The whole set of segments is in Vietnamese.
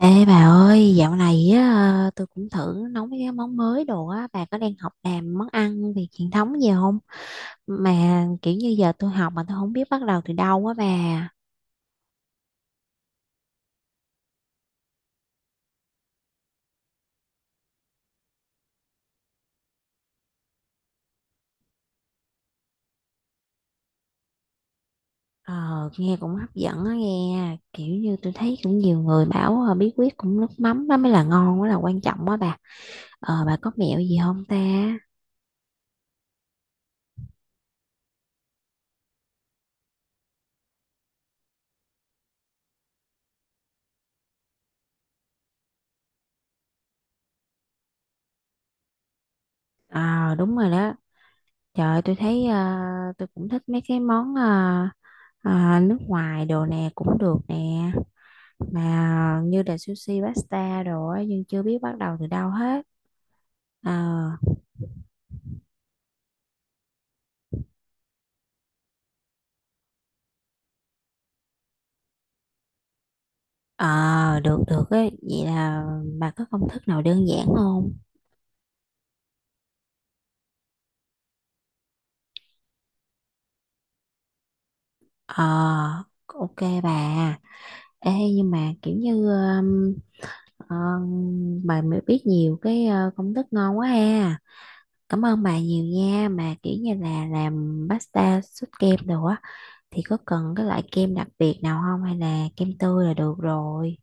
Ê bà ơi, dạo này tôi cũng thử nấu mấy cái món mới đồ á, bà có đang học làm món ăn Việt truyền thống gì không? Mà kiểu như giờ tôi học mà tôi không biết bắt đầu từ đâu á bà. Ờ, Nghe cũng hấp dẫn á nghe, kiểu như tôi thấy cũng nhiều người bảo bí quyết cũng nước mắm đó mới là ngon, mới là quan trọng á bà. Ờ, bà có mẹo gì không ta? Ờ, đúng rồi đó. Trời ơi, tôi thấy tôi cũng thích mấy cái món nước ngoài đồ nè cũng được nè, mà như là sushi pasta đồ á nhưng chưa biết bắt đầu từ đâu hết. ờ ờ Được được, ấy vậy là bà có công thức nào đơn giản không? Ờ, ok bà. Ê nhưng mà kiểu như ờ, bà mới biết nhiều cái công thức ngon quá ha. Cảm ơn bà nhiều nha, mà kiểu như là làm pasta sốt kem đồ á thì có cần cái loại kem đặc biệt nào không hay là kem tươi là được rồi?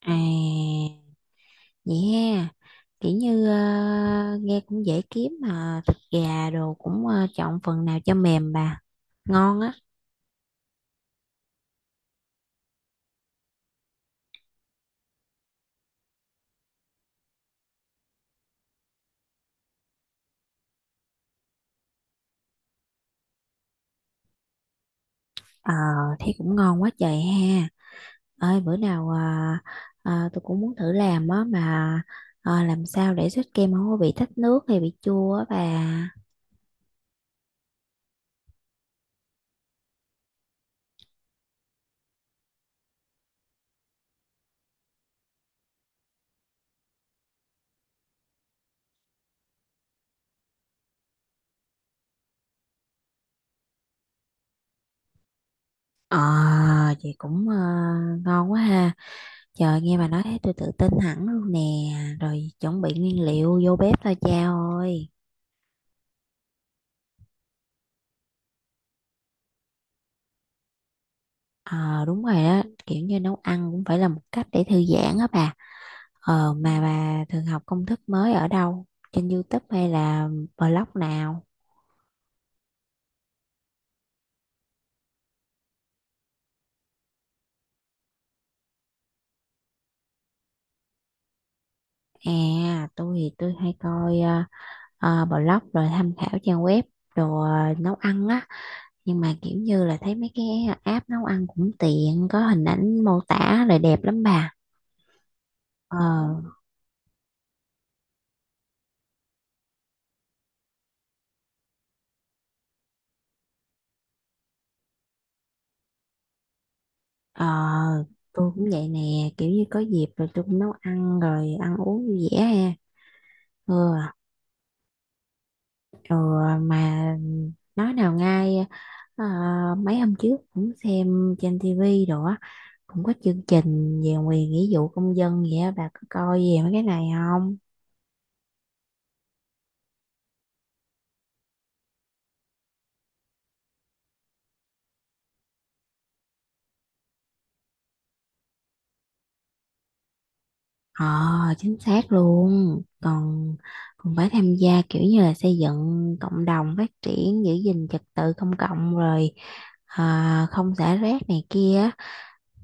À vậy ha, kiểu như nghe cũng dễ kiếm, mà thịt gà đồ cũng chọn phần nào cho mềm bà. Ngon á. Ờ, thấy cũng ngon quá trời ha. Ơi bữa nào tôi cũng muốn thử làm á, mà làm sao để sốt kem không có bị thách nước hay bị chua á bà. Ờ, Vậy cũng ngon quá ha. Trời nghe bà nói thấy tôi tự tin hẳn luôn nè. Rồi chuẩn bị nguyên liệu vô bếp thôi cha ơi. Ờ đúng rồi đó, kiểu như nấu ăn cũng phải là một cách để thư giãn á bà. Ờ mà bà thường học công thức mới ở đâu, trên YouTube hay là blog nào? À tôi thì tôi hay coi blog rồi tham khảo trang web đồ nấu ăn á, nhưng mà kiểu như là thấy mấy cái app nấu ăn cũng tiện, có hình ảnh mô tả rồi đẹp lắm bà. ờ ờ tôi cũng vậy nè, kiểu như có dịp rồi tôi cũng nấu ăn rồi ăn uống vui vẻ ha. Ừ Ừ, mà nói nào ngay, ờ, mấy hôm trước cũng xem trên tivi đồ á, cũng có chương trình về quyền nghĩa vụ công dân, vậy á bà có coi về mấy cái này không? Ờ chính xác luôn, còn còn phải tham gia kiểu như là xây dựng cộng đồng phát triển, giữ gìn trật tự công cộng, rồi à, không xả rác này kia.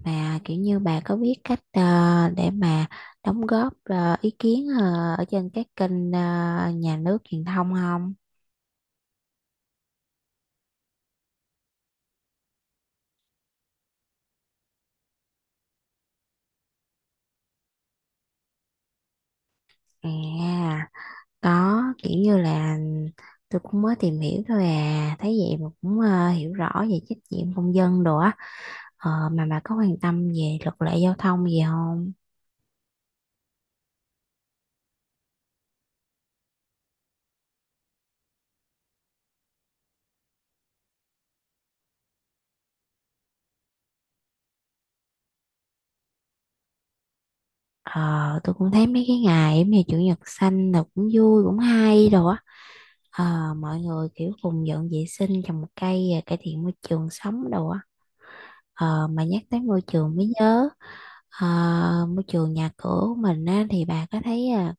Mà kiểu như bà có biết cách để mà đóng góp ý kiến ở trên các kênh nhà nước truyền thông không? À, có, kiểu như là tôi cũng mới tìm hiểu thôi à, thấy vậy mà cũng hiểu rõ về trách nhiệm công dân đồ á. Ờ, mà bà có quan tâm về luật lệ giao thông gì không? Ờ, tôi cũng thấy mấy cái ngày giống như chủ nhật xanh là cũng vui cũng hay đồ á. Ờ, mọi người kiểu cùng dọn vệ sinh, trồng một cây à, cải thiện môi trường sống đồ á. Ờ, mà nhắc tới môi trường mới nhớ, ờ, môi trường nhà cửa của mình á, thì bà có thấy à,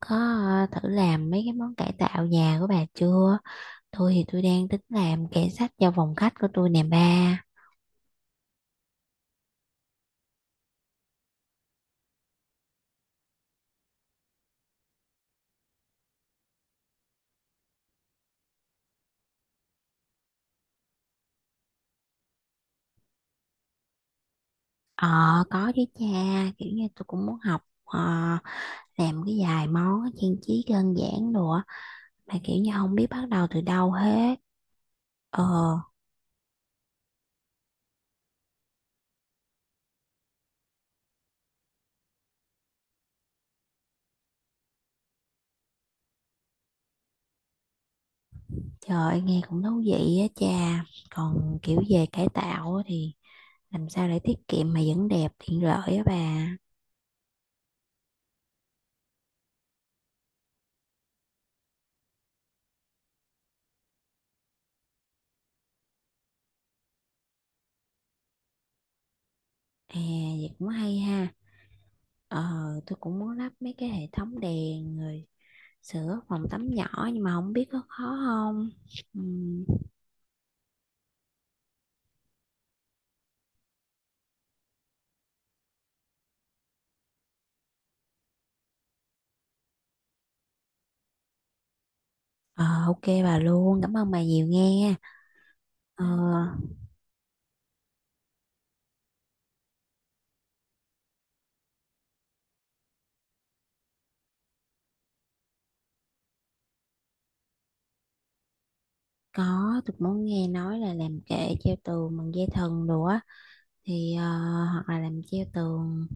có à, thử làm mấy cái món cải tạo nhà của bà chưa? Tôi thì tôi đang tính làm kệ sách cho phòng khách của tôi nè ba. Ờ có chứ cha, kiểu như tôi cũng muốn học làm cái vài món trang trí đơn giản đồ á, mà kiểu như không biết bắt đầu từ đâu hết. Ờ trời ơi, nghe cũng thú vị á cha. Còn kiểu về cải tạo á thì làm sao để tiết kiệm mà vẫn đẹp tiện lợi á bà? À vậy cũng hay ha. Ờ tôi cũng muốn lắp mấy cái hệ thống đèn rồi sửa phòng tắm nhỏ, nhưng mà không biết có khó không. Ừm, ờ ok bà luôn, cảm ơn bà nhiều nghe. Ờ có, tôi cũng muốn, nghe nói là làm kệ treo tường bằng dây thần đồ á thì hoặc là làm treo tường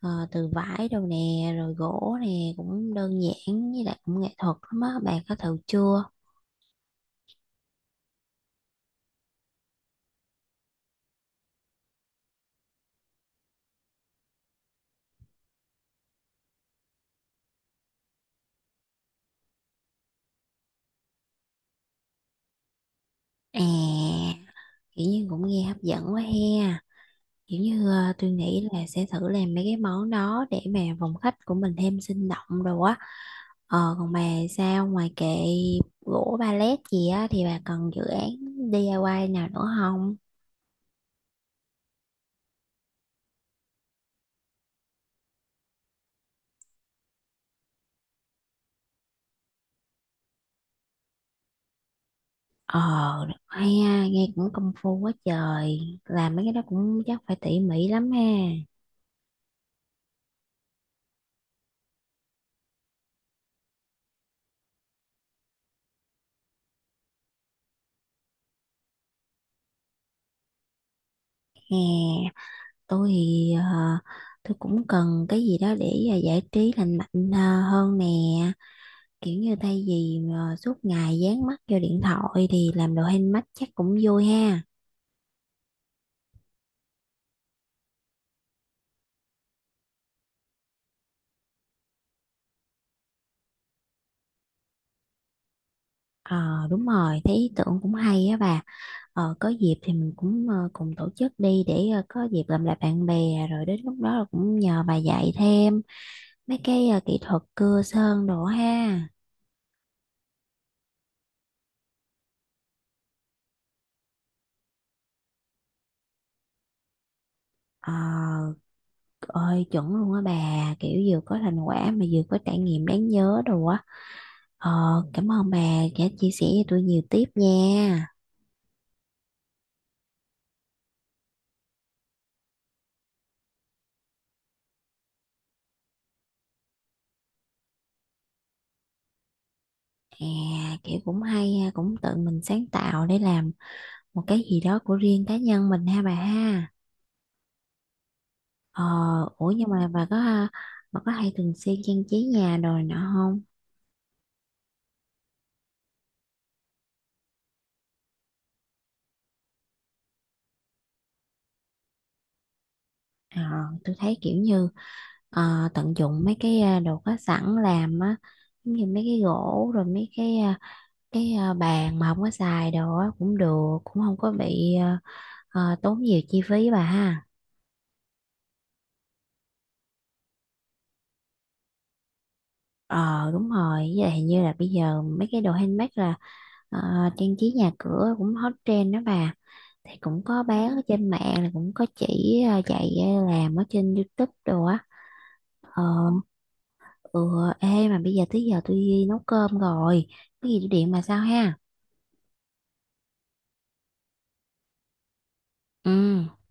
từ vải đâu nè rồi gỗ nè, cũng đơn giản với lại cũng nghệ thuật lắm á, bà có thử chưa? À kiểu như cũng nghe hấp dẫn quá he, kiểu như tôi nghĩ là sẽ thử làm mấy cái món đó để mà phòng khách của mình thêm sinh động rồi á. Ờ, còn bà sao, ngoài kệ gỗ pallet gì á thì bà cần dự án DIY nào nữa không? Ờ hay ha, nghe cũng công phu quá trời, làm mấy cái đó cũng chắc phải tỉ mỉ lắm ha. Hè tôi thì tôi cũng cần cái gì đó để giải trí lành mạnh hơn nè, kiểu như thay vì suốt ngày dán mắt vô điện thoại thì làm đồ handmade chắc cũng vui ha. Ờ đúng rồi, thấy ý tưởng cũng hay á bà. Ờ có dịp thì mình cũng cùng tổ chức đi, để có dịp làm lại bạn bè, rồi đến lúc đó là cũng nhờ bà dạy thêm mấy cái kỹ thuật cưa sơn đồ ha. Ờ ơi chuẩn luôn á bà, kiểu vừa có thành quả mà vừa có trải nghiệm đáng nhớ đồ á. Ờ cảm ơn bà đã chia sẻ cho tôi nhiều tiếp nha. Thì à, kiểu cũng hay ha, cũng tự mình sáng tạo để làm một cái gì đó của riêng cá nhân mình ha bà ha. Ờ ủa nhưng mà bà có à, bà có hay thường xuyên trang trí nhà rồi nọ không? Ờ tôi thấy kiểu như tận dụng mấy cái à, đồ có sẵn làm á, giống như mấy cái gỗ rồi mấy cái à, bàn mà không có xài đồ á cũng được, cũng không có bị à, tốn nhiều chi phí bà ha. Ờ đúng rồi, với lại hình như là bây giờ mấy cái đồ handmade là, Ờ, trang trí nhà cửa cũng hot trend đó bà, thì cũng có bán ở trên mạng, là cũng có chỉ dạy làm ở trên YouTube đồ á. ờ ừ Ê mà bây giờ tới giờ tôi đi nấu cơm rồi, cái gì tôi điện bà sao ha. Ừ.